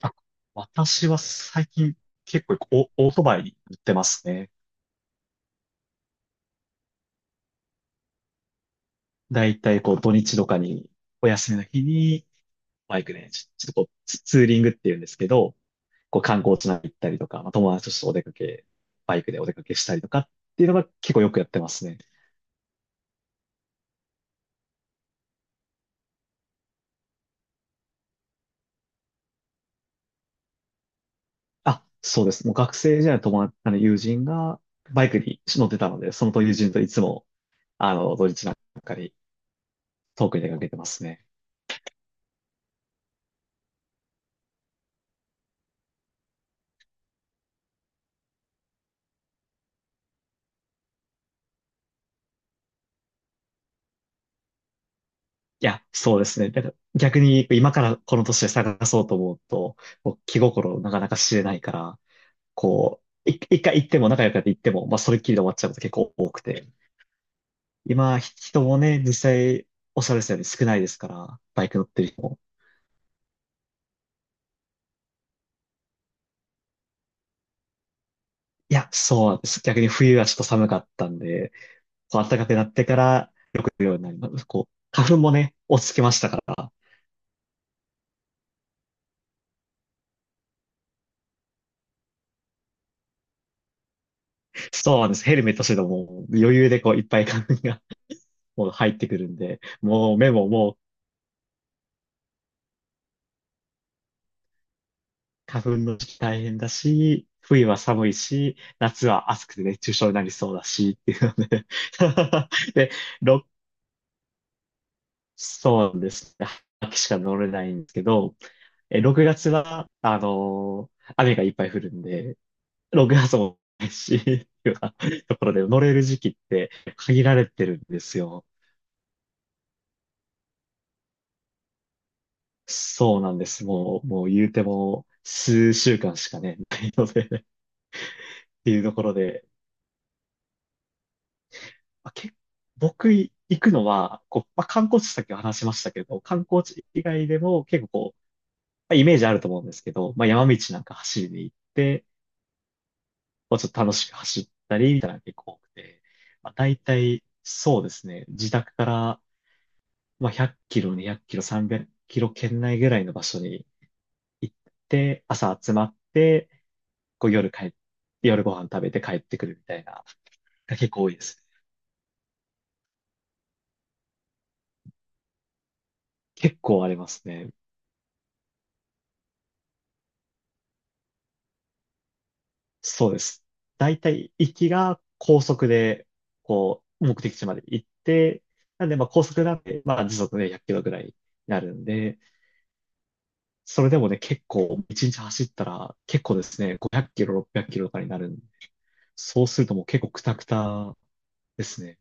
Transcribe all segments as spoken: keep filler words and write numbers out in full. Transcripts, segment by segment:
あ私は最近結構オ、オートバイに乗ってますね。だいたいこう土日とかに、お休みの日に、バイクで、ちちょっとこうツ、ツーリングっていうんですけど、こう観光地なんか行ったりとか、まあ、友達とちょっとお出かけ、バイクでお出かけしたりとかっていうのが結構よくやってますね。あ、そうです。もう学生時代の友達、あの友人がバイクに乗ってたので、その友人といつも、あの、土日なんかに遠くに出かけてますね。いや、そうですね。だから逆に今からこの年で探そうと思うと、こう気心なかなか知れないから、こう、い一回行っても仲良くなって行っても、まあそれっきりで終わっちゃうこと結構多くて。今、人もね、実際おっしゃられたように少ないですから、バイク乗ってる人も。いや、そうなんです。逆に冬はちょっと寒かったんで、こう暖かくなってからよく行くようになります。こう、花粉もね、落ち着きましたから、そうなんです。ヘルメットしててももう余裕でこういっぱい花粉がもう入ってくるんで、もう目ももう花粉の時期大変だし、冬は寒いし、夏は暑くて熱中症になりそうだし、っていうので で、ろく、そうなんですね。秋しか乗れないんですけど、え、ろくがつは、あのー雨がいっぱい降るんで、ろくがつもないし、っていうようなところで乗れる時期って限られてるんですよ。そうなんです。もう、もう言うても数週間しかね、ないのでねっていうところで、まあ、け、僕い行くのは、こう、まあ、観光地さっき話しましたけど、観光地以外でも結構こう、まあ、イメージあると思うんですけど、まあ、山道なんか走りに行って、こうちょっと楽しく走ったりみたいなのが結構多くて、まあ、大体そうですね、自宅から、まあ、ひゃくキロ、にひゃくキロ、さんびゃくキロ圏内ぐらいの場所に行って、朝集まって、こう夜帰って、夜ご飯食べて帰ってくるみたいな、が結構多いです。結構ありますね。そうです。だいたい行きが高速で、こう、目的地まで行って、なんで、まあ高速なんで、まあ時速ね、ひゃくキロぐらいになるんで、それでもね、結構、いちにち走ったら、結構ですね、ごひゃくキロ、ろっぴゃくキロとかになるんで、そうするともう結構クタクタですね。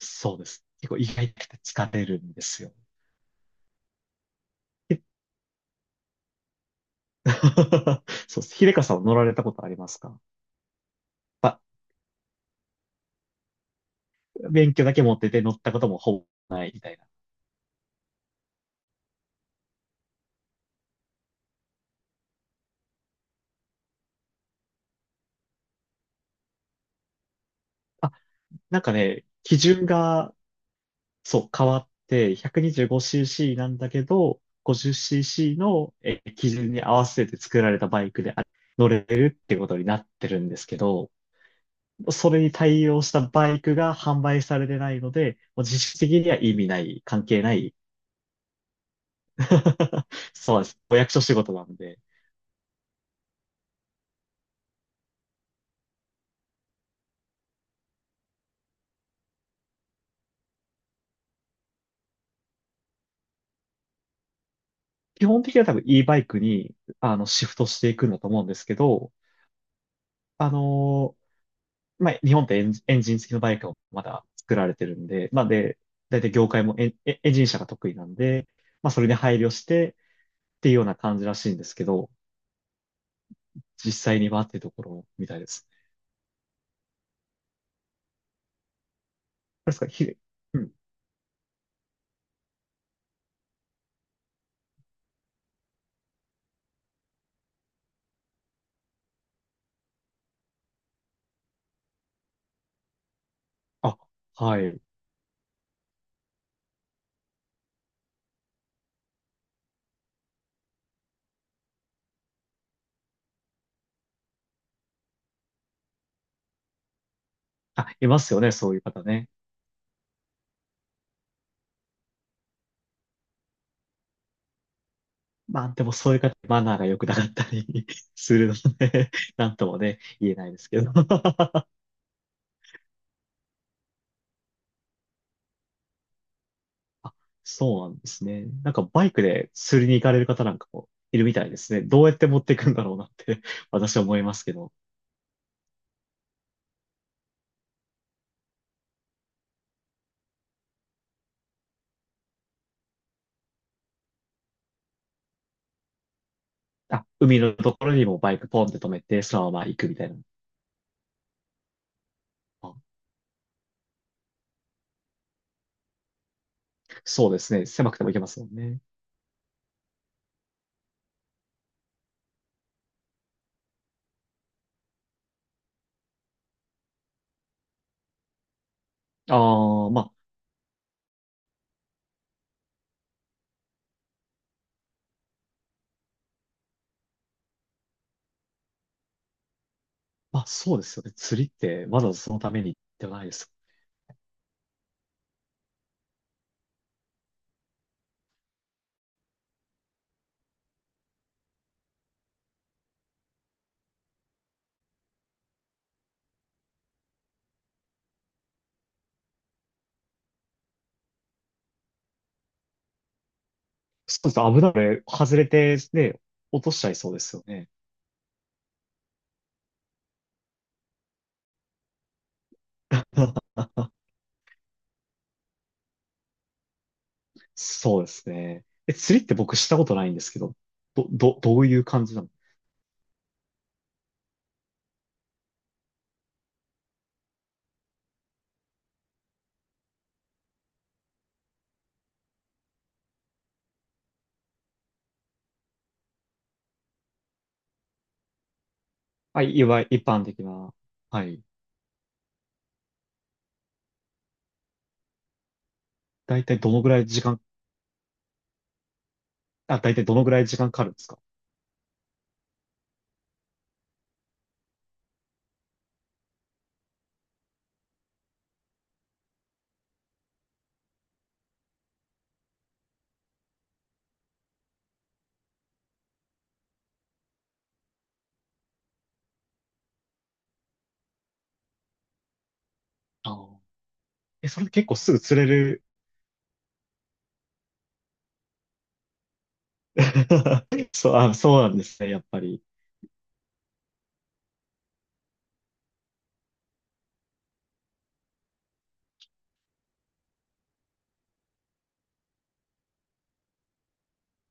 そうです。結構意外と疲れるんですよ。え そうです。秀香さんは乗られたことありますか？まあ、免許だけ持ってて乗ったこともほぼないみたいな。あ、なんかね、基準がそう、変わって ひゃくにじゅうごシーシー なんだけど、ごじゅっシーシー のえー基準に合わせて作られたバイクであ乗れるってことになってるんですけど、それに対応したバイクが販売されてないので、もう実質的には意味ない、関係ない。そうです。お役所仕事なんで。基本的には多分 e バイクにあのシフトしていくんだと思うんですけど、あのまあ、日本ってエンジン、エンジン付きのバイクをまだ作られてるんで、まあで、大体業界もエン、エエンジン車が得意なんで、まあそれに配慮してっていうような感じらしいんですけど、実際にはっていうところみたいです。あれですか、ひ、うん。あ、はい。あ、いますよね、そういう方ね。まあでもそういう方、マナーが良くなかったり するのでなんともね、言えないですけど あ、そうなんですね。なんかバイクで釣りに行かれる方なんかもいるみたいですね。どうやって持っていくんだろうなって 私は思いますけど。あ、海のところにもバイクポンって止めて、そのまま行くみたいな。あ、そうですね。狭くても行けますもんね。ああ、まあ、まあそうですよね。釣りってわざわざそのためにではないです。そうです。危ない。こ外れて、ね、落としちゃいそうですよね。そうですね。え、釣りって僕したことないんですけど、ど、ど、どういう感じなの？はい、いわゆる一般的な。はい。だいたいどのぐらい時間、あ、だいたいどのぐらい時間かかるんですか？ああ、え、それ結構すぐ釣れる？そう、あ、そうなんですね、やっぱり。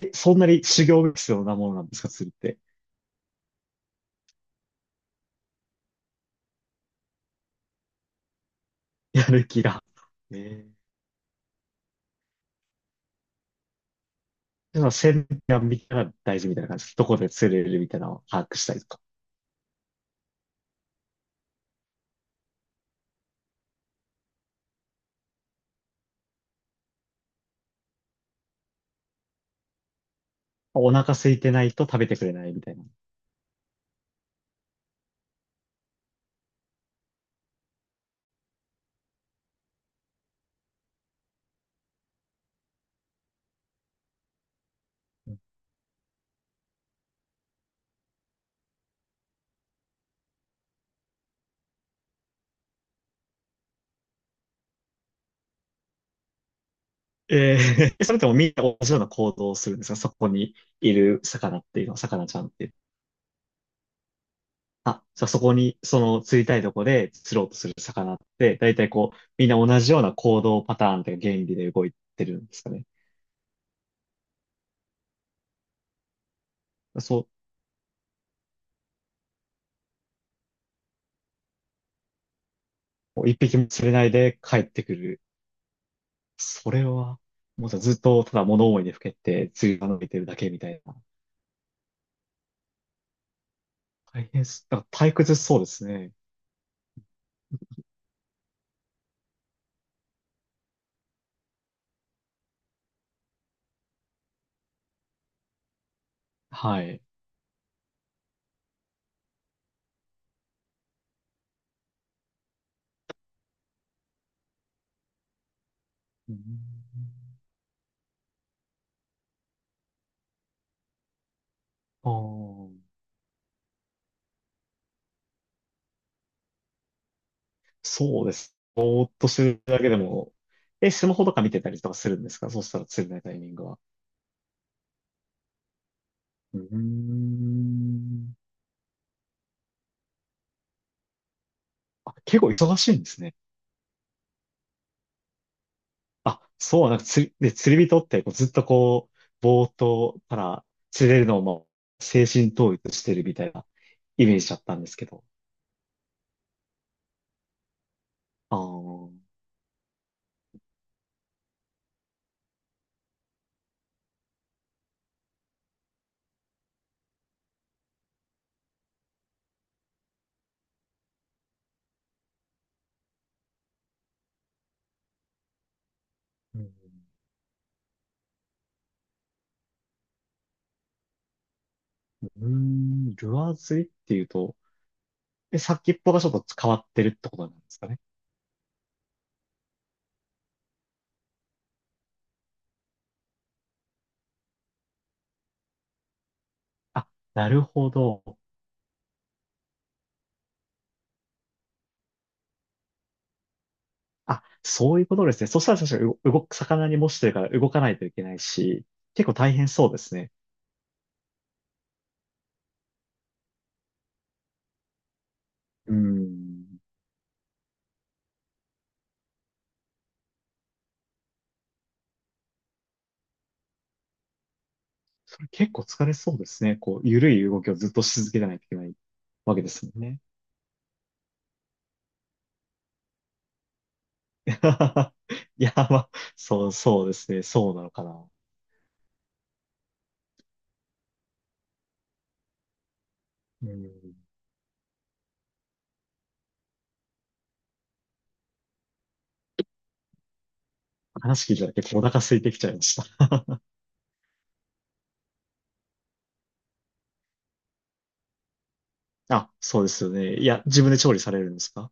えそんなに修行が必要なものなんですか、釣りって。やる気が。ええ。でも、線が見たら大事みたいな感じです。どこで釣れるみたいなのを把握したりとか。お腹空いてないと食べてくれないみたいな。ええ。それともみんな同じような行動をするんですかそこにいる魚っていうのは、魚ちゃんっていうのは？あ、じゃあそこに、その釣りたいとこで釣ろうとする魚って、だいたいこう、みんな同じような行動パターンというか原理で動いてるんですかね？そう、一匹も釣れないで帰ってくる。それは、もうさ、ずっとただ物思いにふけて釣りが伸びてるだけみたいな。大変す、なんか退屈そうですね。はい。うん、あー、そうです。ぼーっとするだけでも、え、スマホとか見てたりとかするんですかそうしたら釣れないタイミングは？うーん。あ、結構忙しいんですね。あ、そう、なんか釣り、で、釣り人ってこうずっとこう、ぼーっとたら釣れるのをもう精神統一してるみたいなイメージだったんですけど。ああ、ううん、うーん、ルアー釣りっていうと、え、先っぽがちょっと変わってるってことなんですかね？あ、なるほど。あ、そういうことですね。そしたら確かに動動く、魚に模してるから動かないといけないし、結構大変そうですね。うーん。それ結構疲れそうですね。こう、ゆるい動きをずっとし続けてないといけないわけですもんね。いや、まあ、そう、そうですね。そうなのかな。うん。話聞いただけでお腹空いてきちゃいました。あ、そうですよね。いや、自分で調理されるんですか？